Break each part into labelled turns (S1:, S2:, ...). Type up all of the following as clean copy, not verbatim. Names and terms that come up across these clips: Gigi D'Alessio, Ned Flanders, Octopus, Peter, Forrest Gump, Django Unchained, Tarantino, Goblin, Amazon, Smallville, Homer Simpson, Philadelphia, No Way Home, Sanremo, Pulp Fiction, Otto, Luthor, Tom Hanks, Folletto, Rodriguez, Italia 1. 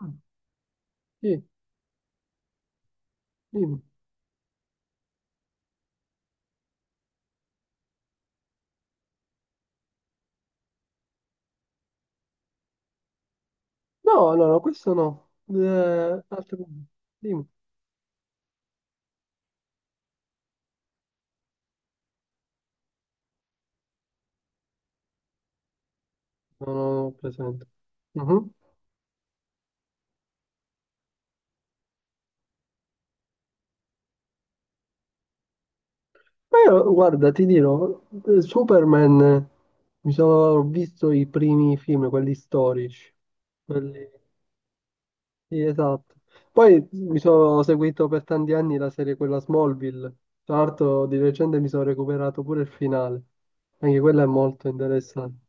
S1: Ah, Sì, dimmi. No, no, no, questo no. Dimmi. No, no, no, presente. Mhm. Ma io, guarda, ti dirò, Superman, mi sono ho visto i primi film, quelli storici. Quelli... Sì, esatto. Poi mi sono seguito per tanti anni la serie quella Smallville. Tra l'altro, di recente mi sono recuperato pure il finale. Anche quella è molto interessante.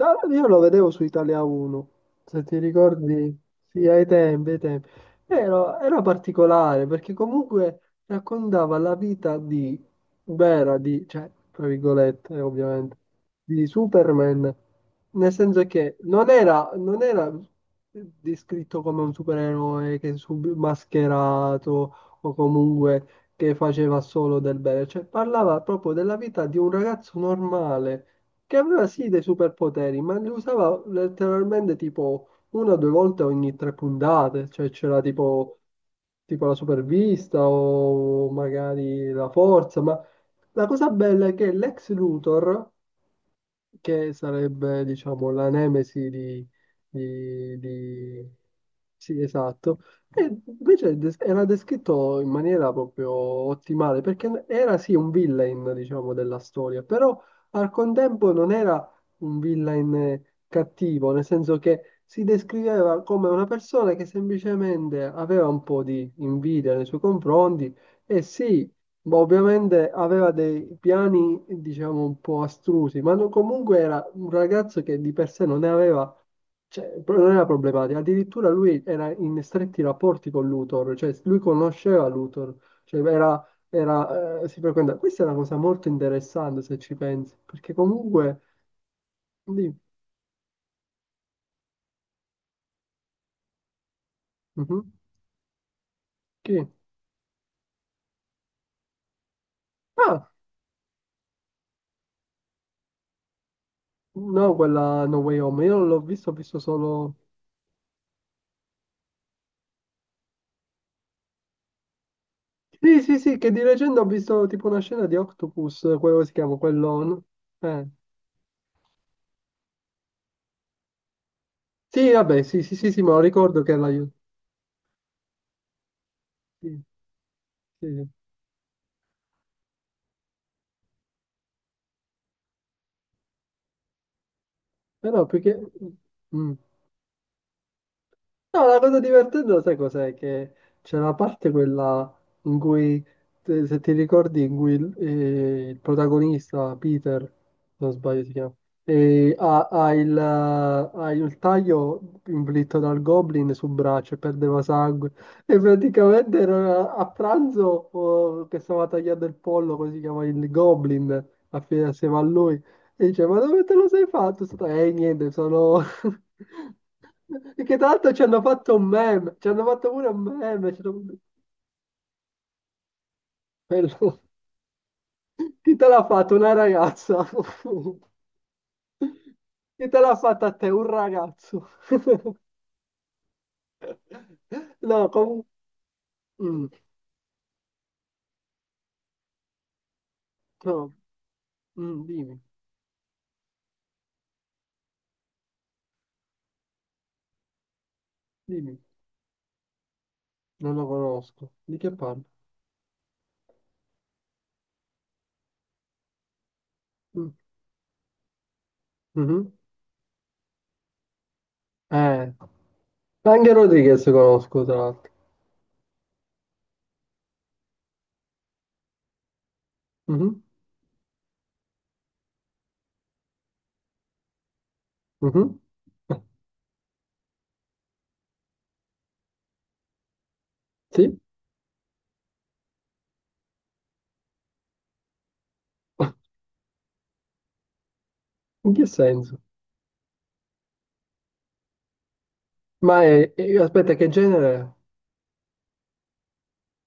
S1: Ah, io lo vedevo su Italia 1, se ti ricordi, sì, ai tempi, ai tempi. Era particolare perché comunque raccontava la vita di, vera, di, cioè, tra virgolette, ovviamente, di Superman. Nel senso che non era descritto come un supereroe che sub mascherato o comunque che faceva solo del bene, cioè parlava proprio della vita di un ragazzo normale che aveva sì dei superpoteri, ma li usava letteralmente tipo una o due volte ogni tre puntate, cioè c'era tipo la supervista o magari la forza, ma la cosa bella è che l'ex Luthor, che sarebbe diciamo la nemesi di. Sì, esatto. E invece era descritto in maniera proprio ottimale, perché era sì un villain, diciamo, della storia, però al contempo non era un villain cattivo, nel senso che si descriveva come una persona che semplicemente aveva un po' di invidia nei suoi confronti e sì, ma ovviamente aveva dei piani, diciamo, un po' astrusi, ma comunque era un ragazzo che di per sé non ne aveva cioè, non era problematico, addirittura lui era in stretti rapporti con Luthor, cioè lui conosceva Luthor, cioè era, si frequenta. Questa è una cosa molto interessante se ci pensi, perché comunque. di- Mhm. Chi? Ah, no, quella No Way Home, io non l'ho visto, ho visto solo... Sì, sì, sì, che di recente ho visto tipo una scena di Octopus, quello si chiama, quello... no, Eh. Sì, vabbè, sì, sì, sì, sì, ma ricordo che era... Sì, sì. Sì, sì. Però perché... Mm. No, la cosa divertente, sai cos'è? Che c'è la parte quella in cui, se ti ricordi, in cui il protagonista, Peter, se non sbaglio si chiama, ha il taglio inflitto dal Goblin sul braccio e perdeva sangue. E praticamente era a pranzo, oh, che stava tagliando il pollo, così si chiama il Goblin, assieme a lui. E dice, ma dove te lo sei fatto? Niente, sono... Che tra l'altro ci hanno fatto un meme, ci hanno fatto pure un meme. Bello. Chi te l'ha fatto? Una ragazza. Chi te l'ha fatta a te? Un ragazzo. No, comunque... Mm, no, dimmi, dimmi. Non lo conosco. Di che parlo? Mm, mhm. Eh, Anche Rodriguez conosco, tra l'altro. Mhm, mhm. Sì? In che senso? Aspetta, che genere è?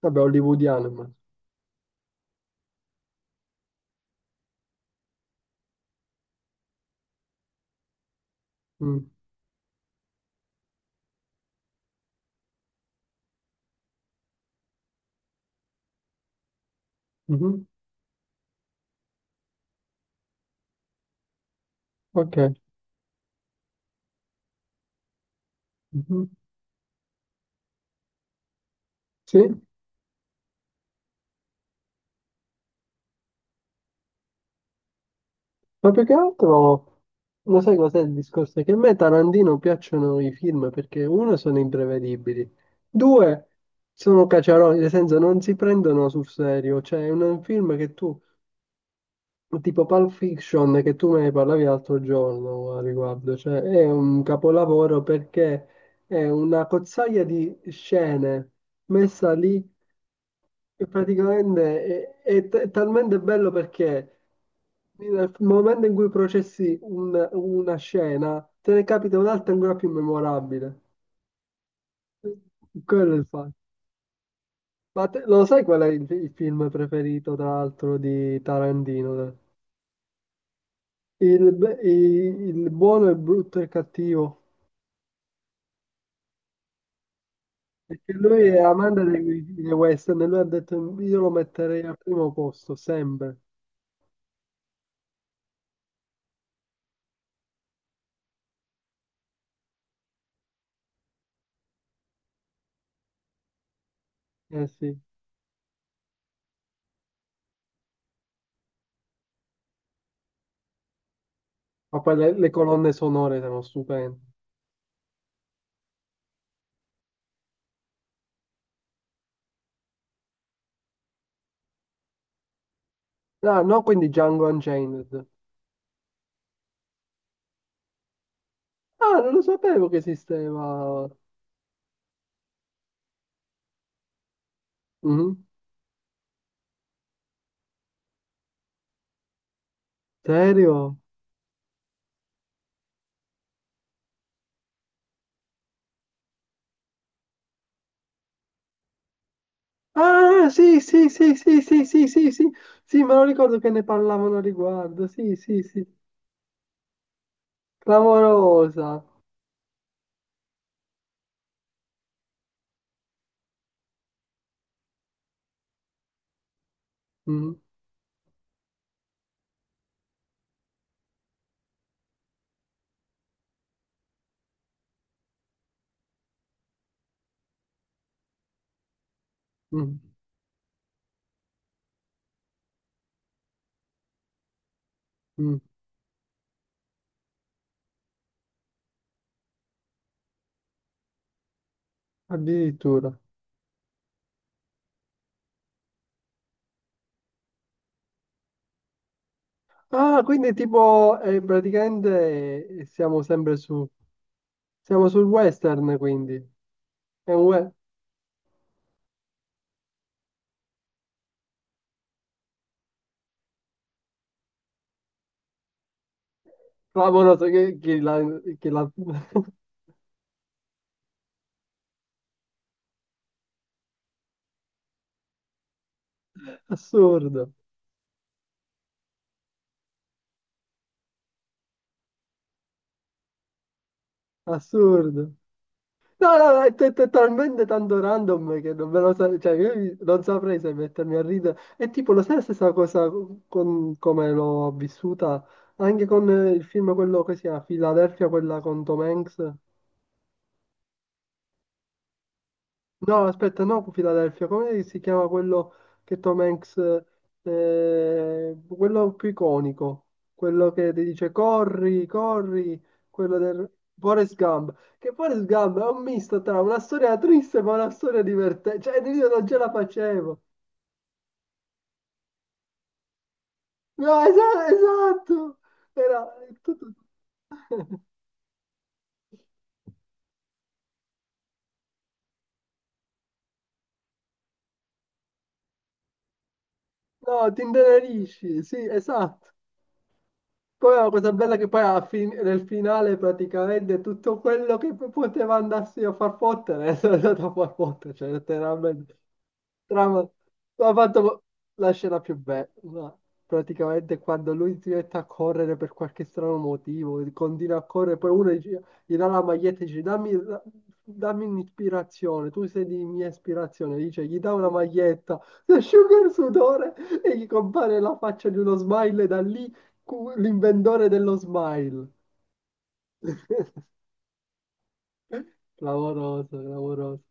S1: Vabbè, hollywoodiano, immagino. Mm, mhm, Ok. Mhm. Sì, ma più che altro, lo sai cos'è il discorso? È che a me Tarantino piacciono i film perché, uno, sono imprevedibili, due, sono caciaroni, nel senso non si prendono sul serio. Cioè, è un film che tu, tipo Pulp Fiction, che tu me ne parlavi l'altro giorno a riguardo, cioè è un capolavoro perché è una cozzaia di scene messa lì. E praticamente è talmente bello perché nel momento in cui processi una scena, te ne capita un'altra ancora più memorabile. Quello è il fatto. Ma lo sai qual è il film preferito, tra l'altro, di Tarantino? Il, be- i- il buono, il brutto e il cattivo. Perché lui è amante dei, dei western e lui ha detto io lo metterei al primo posto, sempre. Eh sì. Ma poi le colonne sonore sono stupende. Ah, no, quindi Django Unchained. Ah, non lo sapevo che esisteva. Mhm. Serio? Ah, sì, sì, sì, sì, sì, sì, sì, sì, sì, me lo ricordo che ne parlavano a riguardo. Sì, sì, sì, clamorosa. Mhm, mhm, mhm. Addirittura. Ah, quindi tipo, praticamente siamo sul western, quindi. È un we- Clamoroso, che la... che la- Assurdo, assurdo. No, no, è talmente tanto random che non me lo cioè, io non saprei se mettermi a ridere. E tipo, lo sai la stessa cosa con come l'ho vissuta anche con il film quello che si chiama Philadelphia, quella con Tom Hanks? No, aspetta, no, Philadelphia, come si chiama quello che Tom Hanks, quello più iconico, quello che ti dice corri, corri, quello del Forrest Gump, che Forrest Gump è un misto tra una storia triste ma una storia divertente, cioè io non ce la facevo. No, esatto, esatto, era tutto, no, ti intenerisci, sì, esatto. Poi la cosa bella è che poi alla fine, nel finale praticamente tutto quello che poteva andarsi a far fottere è andato a far fottere, cioè letteralmente. Trama, ha fatto la scena più bella, ma praticamente quando lui si mette a correre per qualche strano motivo, continua a correre, poi uno gli dà la maglietta e dice dammi, dammi un'ispirazione, tu sei di mia ispirazione, dice gli dà una maglietta, si asciuga il sudore e gli compare la faccia di uno smile da lì. L'inventore dello smile. Clamoroso, clamoroso.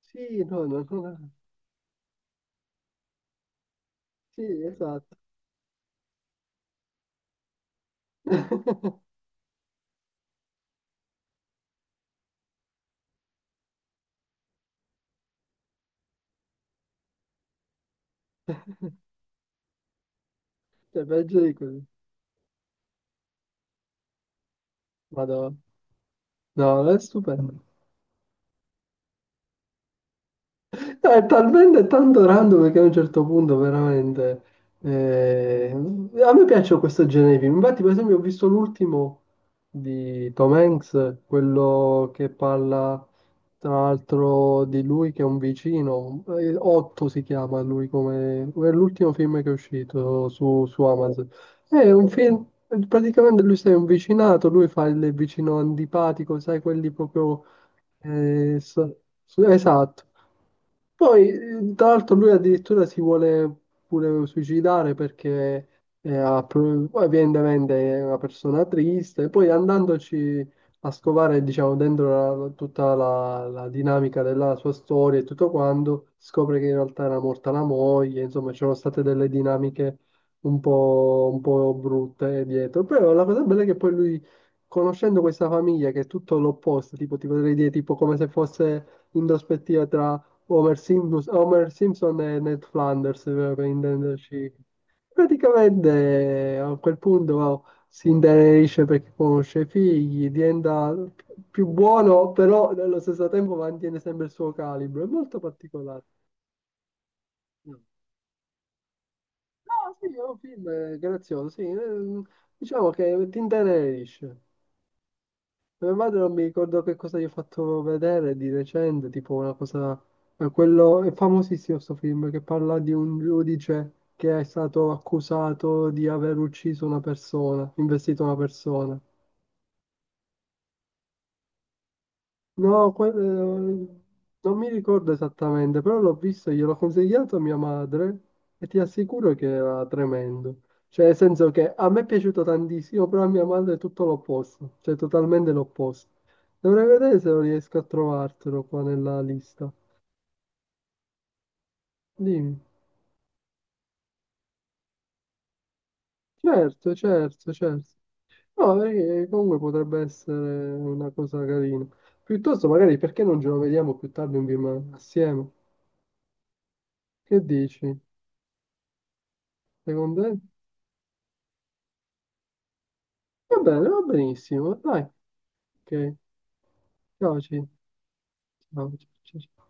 S1: Sì, no, no, no. No. Sì, esatto. Cioè, peggio di così. Madonna. No, è stupendo. No, è talmente tanto random che a un certo punto veramente... a me piace questo genere di film. Infatti, per esempio, ho visto l'ultimo di Tom Hanks, quello che parla tra l'altro di lui che è un vicino. Otto si chiama lui come... è l'ultimo film che è uscito su, su Amazon. È un film... Praticamente lui sei un vicinato, lui fa il vicino antipatico, sai, quelli proprio eh, so- esatto. Poi, tra l'altro, lui addirittura si vuole pure suicidare perché poi evidentemente è una persona triste. Poi andandoci a scovare, diciamo, dentro tutta la, la dinamica della sua storia e tutto quanto, scopre che in realtà era morta la moglie, insomma, c'erano state delle dinamiche un po' brutte dietro. Però la cosa bella è che poi lui conoscendo questa famiglia che è tutto l'opposto, tipo ti potrei dire tipo come se fosse in prospettiva tra Homer Simpson e Ned Flanders, per intenderci. Praticamente a quel punto oh, si intenerisce perché conosce i figli, diventa più buono, però nello stesso tempo mantiene sempre il suo calibro. È molto particolare. No, sì, è un film grazioso, sì. Diciamo che ti intenerisce. Mia madre non mi ricordo che cosa gli ho fatto vedere di recente, tipo una cosa... Quello... È famosissimo questo film che parla di un giudice che è stato accusato di aver ucciso una persona, investito una persona. No, non mi ricordo esattamente, però l'ho visto, gliel'ho consigliato a mia madre e ti assicuro che era tremendo. Cioè, nel senso che a me è piaciuto tantissimo, però a mia madre è tutto l'opposto, cioè totalmente l'opposto. Dovrei vedere se lo riesco a trovartelo qua nella lista. Dimmi. Certo, certo, certo. No, perché comunque potrebbe essere una cosa carina. Piuttosto, magari, perché non ce lo vediamo più tardi un film assieme? Che dici? Secondo te? Va bene, va benissimo. Dai, ok. Ciao, ciao, ciao, ciao.